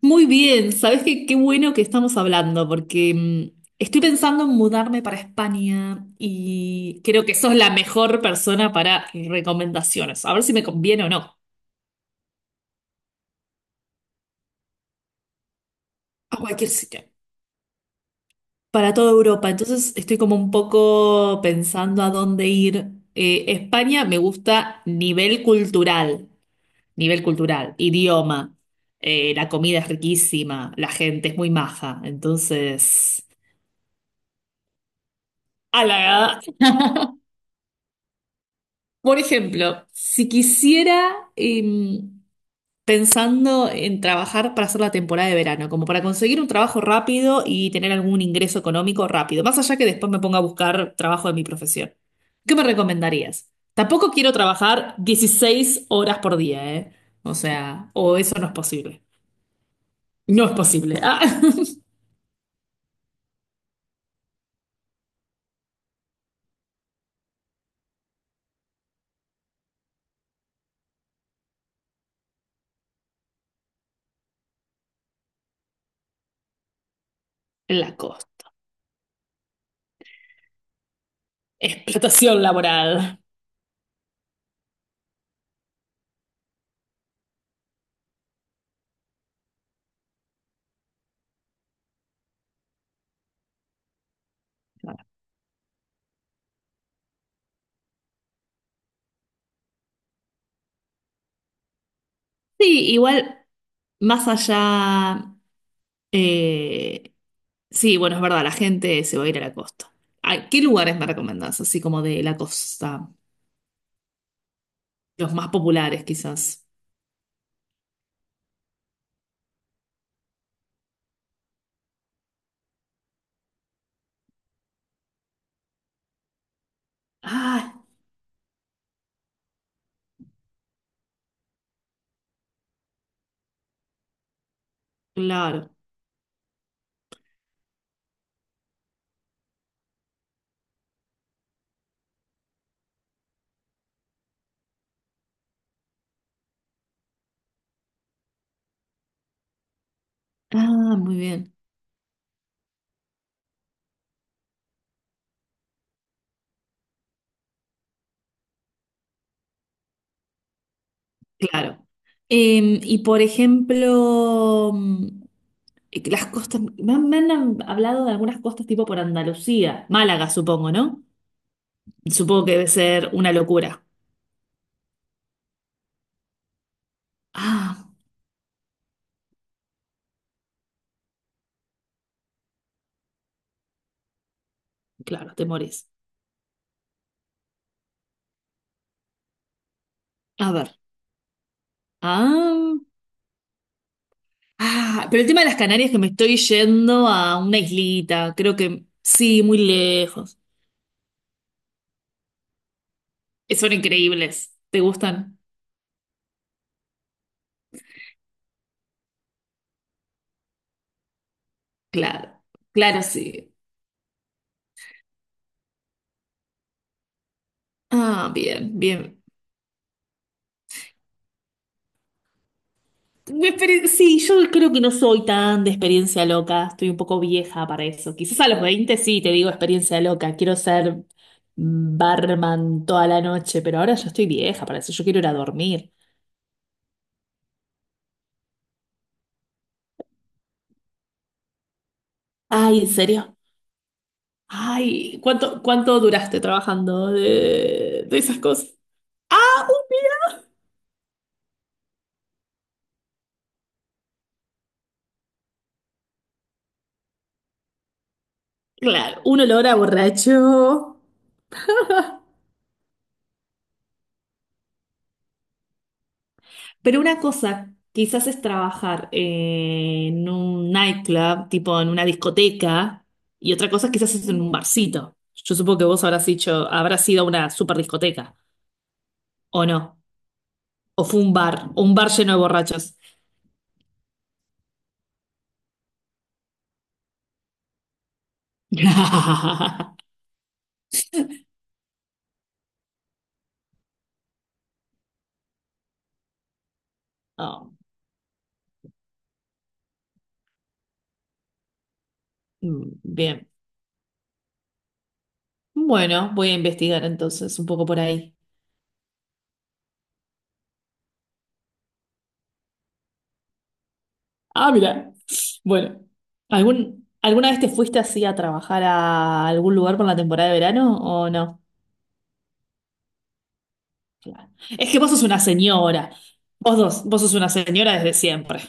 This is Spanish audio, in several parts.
Muy bien, ¿sabes qué? Qué bueno que estamos hablando, porque estoy pensando en mudarme para España y creo que sos la mejor persona para recomendaciones. A ver si me conviene o no. A cualquier sitio. Para toda Europa. Entonces estoy como un poco pensando a dónde ir. España me gusta nivel cultural, idioma. La comida es riquísima, la gente es muy maja. Entonces. A la Por ejemplo, si quisiera, pensando en trabajar para hacer la temporada de verano, como para conseguir un trabajo rápido y tener algún ingreso económico rápido, más allá que después me ponga a buscar trabajo de mi profesión, ¿qué me recomendarías? Tampoco quiero trabajar 16 horas por día, ¿eh? O sea, o eso no es posible. No es posible. Ah, la costa. Explotación laboral. Sí, igual, más allá. eh, Sí, bueno, es verdad, la gente se va a ir a la costa. Ay, ¿qué lugares me recomendás? Así como de la costa. Los más populares, quizás. Ah, claro. Ah, muy bien. Claro. Y por ejemplo, las costas. Me han hablado de algunas costas tipo por Andalucía. Málaga, supongo, ¿no? Supongo que debe ser una locura. Ah, claro, te morís. A ver. Ah. Ah, pero el tema de las Canarias es que me estoy yendo a una islita, creo que sí, muy lejos. Son increíbles. ¿Te gustan? Claro, claro, sí. Ah, bien, bien. Sí, yo creo que no soy tan de experiencia loca, estoy un poco vieja para eso. Quizás a los 20 sí te digo experiencia loca, quiero ser barman toda la noche, pero ahora yo estoy vieja para eso, yo quiero ir a dormir. Ay, ¿en serio? Ay, ¿cuánto, cuánto duraste trabajando de esas cosas? Ah, claro, un olor a borracho. Pero una cosa, quizás es trabajar en un nightclub, tipo en una discoteca, y otra cosa quizás es en un barcito. Yo supongo que vos habrás dicho, habrás sido una super discoteca, o no, o fue un bar, o un bar lleno de borrachos. Oh, bien. Bueno, voy a investigar entonces un poco por ahí. Ah, mira. Bueno, ¿algún, alguna vez te fuiste así a trabajar a algún lugar por la temporada de verano o no? Claro. Es que vos sos una señora. Vos dos, vos sos una señora desde siempre.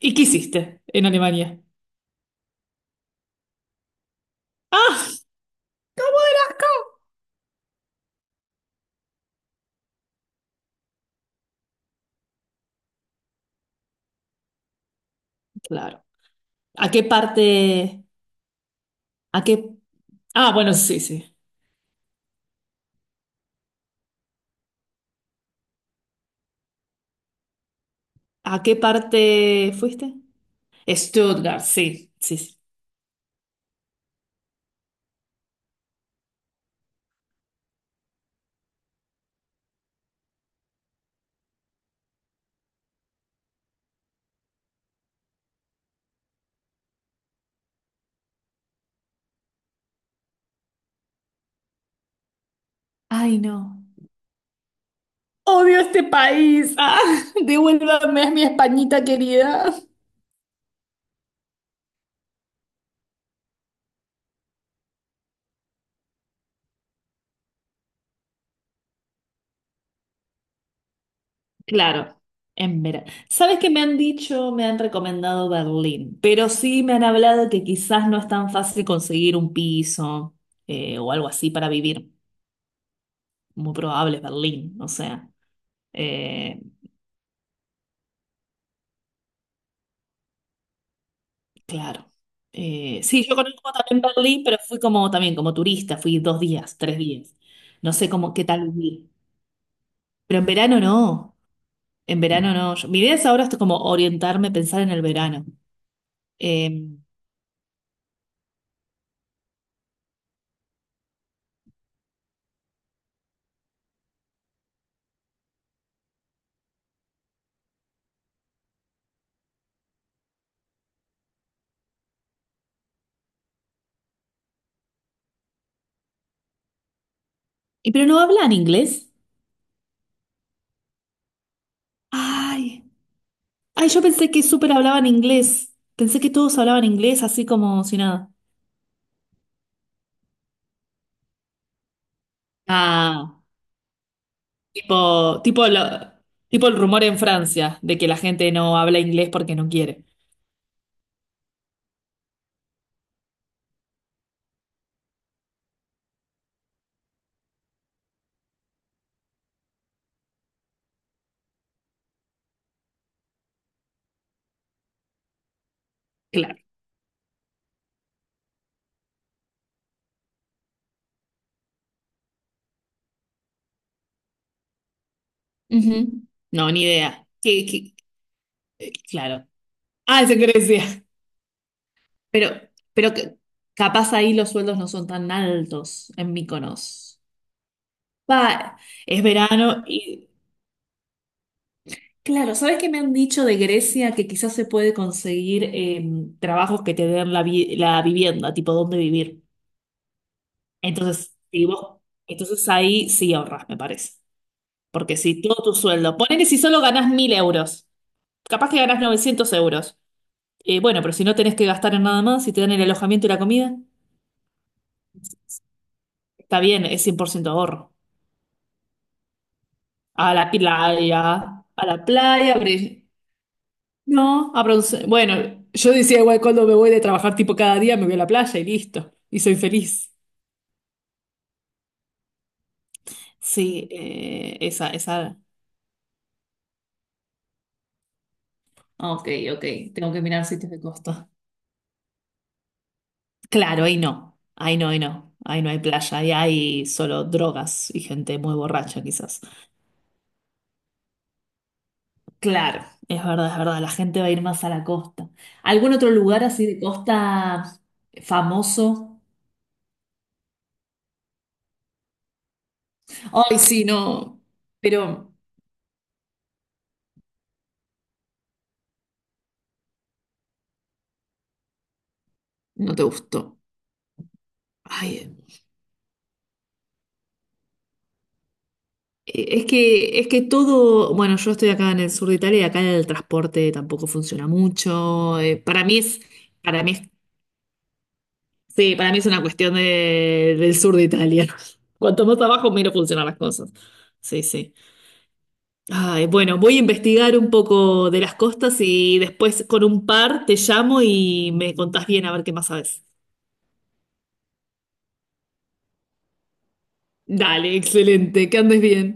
¿Y qué hiciste en Alemania? Ah, claro. ¿A qué parte? ¿A qué? Ah, bueno, sí, sí. ¿A qué parte fuiste? Stuttgart, sí, sí, sí. Ay, no. Odio este país. Ah, devuélvame a mi Españita querida. Claro, en verano. ¿Sabes qué me han dicho? Me han recomendado Berlín, pero sí me han hablado que quizás no es tan fácil conseguir un piso o algo así para vivir. Muy probable es Berlín, o sea, eh, claro. Sí, yo conozco también Berlín, pero fui como también como turista, fui 2 días, 3 días. No sé cómo qué tal vivir. Pero en verano no, en verano no. Yo- mi idea es ahora esto como orientarme, pensar en el verano. Eh, pero no hablan inglés. Ay. Ay, yo pensé que súper hablaban inglés. Pensé que todos hablaban inglés así como si nada. Ah, tipo, tipo, tipo el rumor en Francia de que la gente no habla inglés porque no quiere. Claro. Ujú. No, ni idea. Claro. Ah, es en Grecia. Pero, pero que- capaz ahí los sueldos no son tan altos en Mykonos. Va, es verano y claro, ¿sabes qué me han dicho de Grecia? Que quizás se puede conseguir trabajos que te den la vivienda, tipo dónde vivir. Entonces, si vos- entonces ahí sí ahorras, me parece. Porque si todo tu sueldo, ponele si solo ganás 1.000 euros, capaz que ganás 900 euros. Bueno, pero si no tenés que gastar en nada más, si te dan el alojamiento y la comida, está bien, es 100% ahorro. A la, playa, a la playa, no, bueno, yo decía igual cuando me voy de trabajar tipo cada día, me voy a la playa y listo. Y soy feliz. Sí, esa, esa. Ok, ok. Tengo que mirar sitios de costa. Claro, ahí no. Ahí no, ahí no. Ahí no hay playa, ahí hay solo drogas y gente muy borracha quizás. Claro, es verdad, es verdad. La gente va a ir más a la costa. ¿Algún otro lugar así de costa famoso? Ay, sí, no. Pero no te gustó. Ay, es que, todo, bueno, yo estoy acá en el sur de Italia y acá el transporte tampoco funciona mucho. Para mí es, para mí es, sí, para mí es una cuestión de- del sur de Italia. Cuanto más abajo, menos funcionan las cosas. Sí, sí. Ay, bueno, voy a investigar un poco de las costas y después con un par te llamo y me contás bien a ver qué más sabes. Dale, excelente, que andes bien.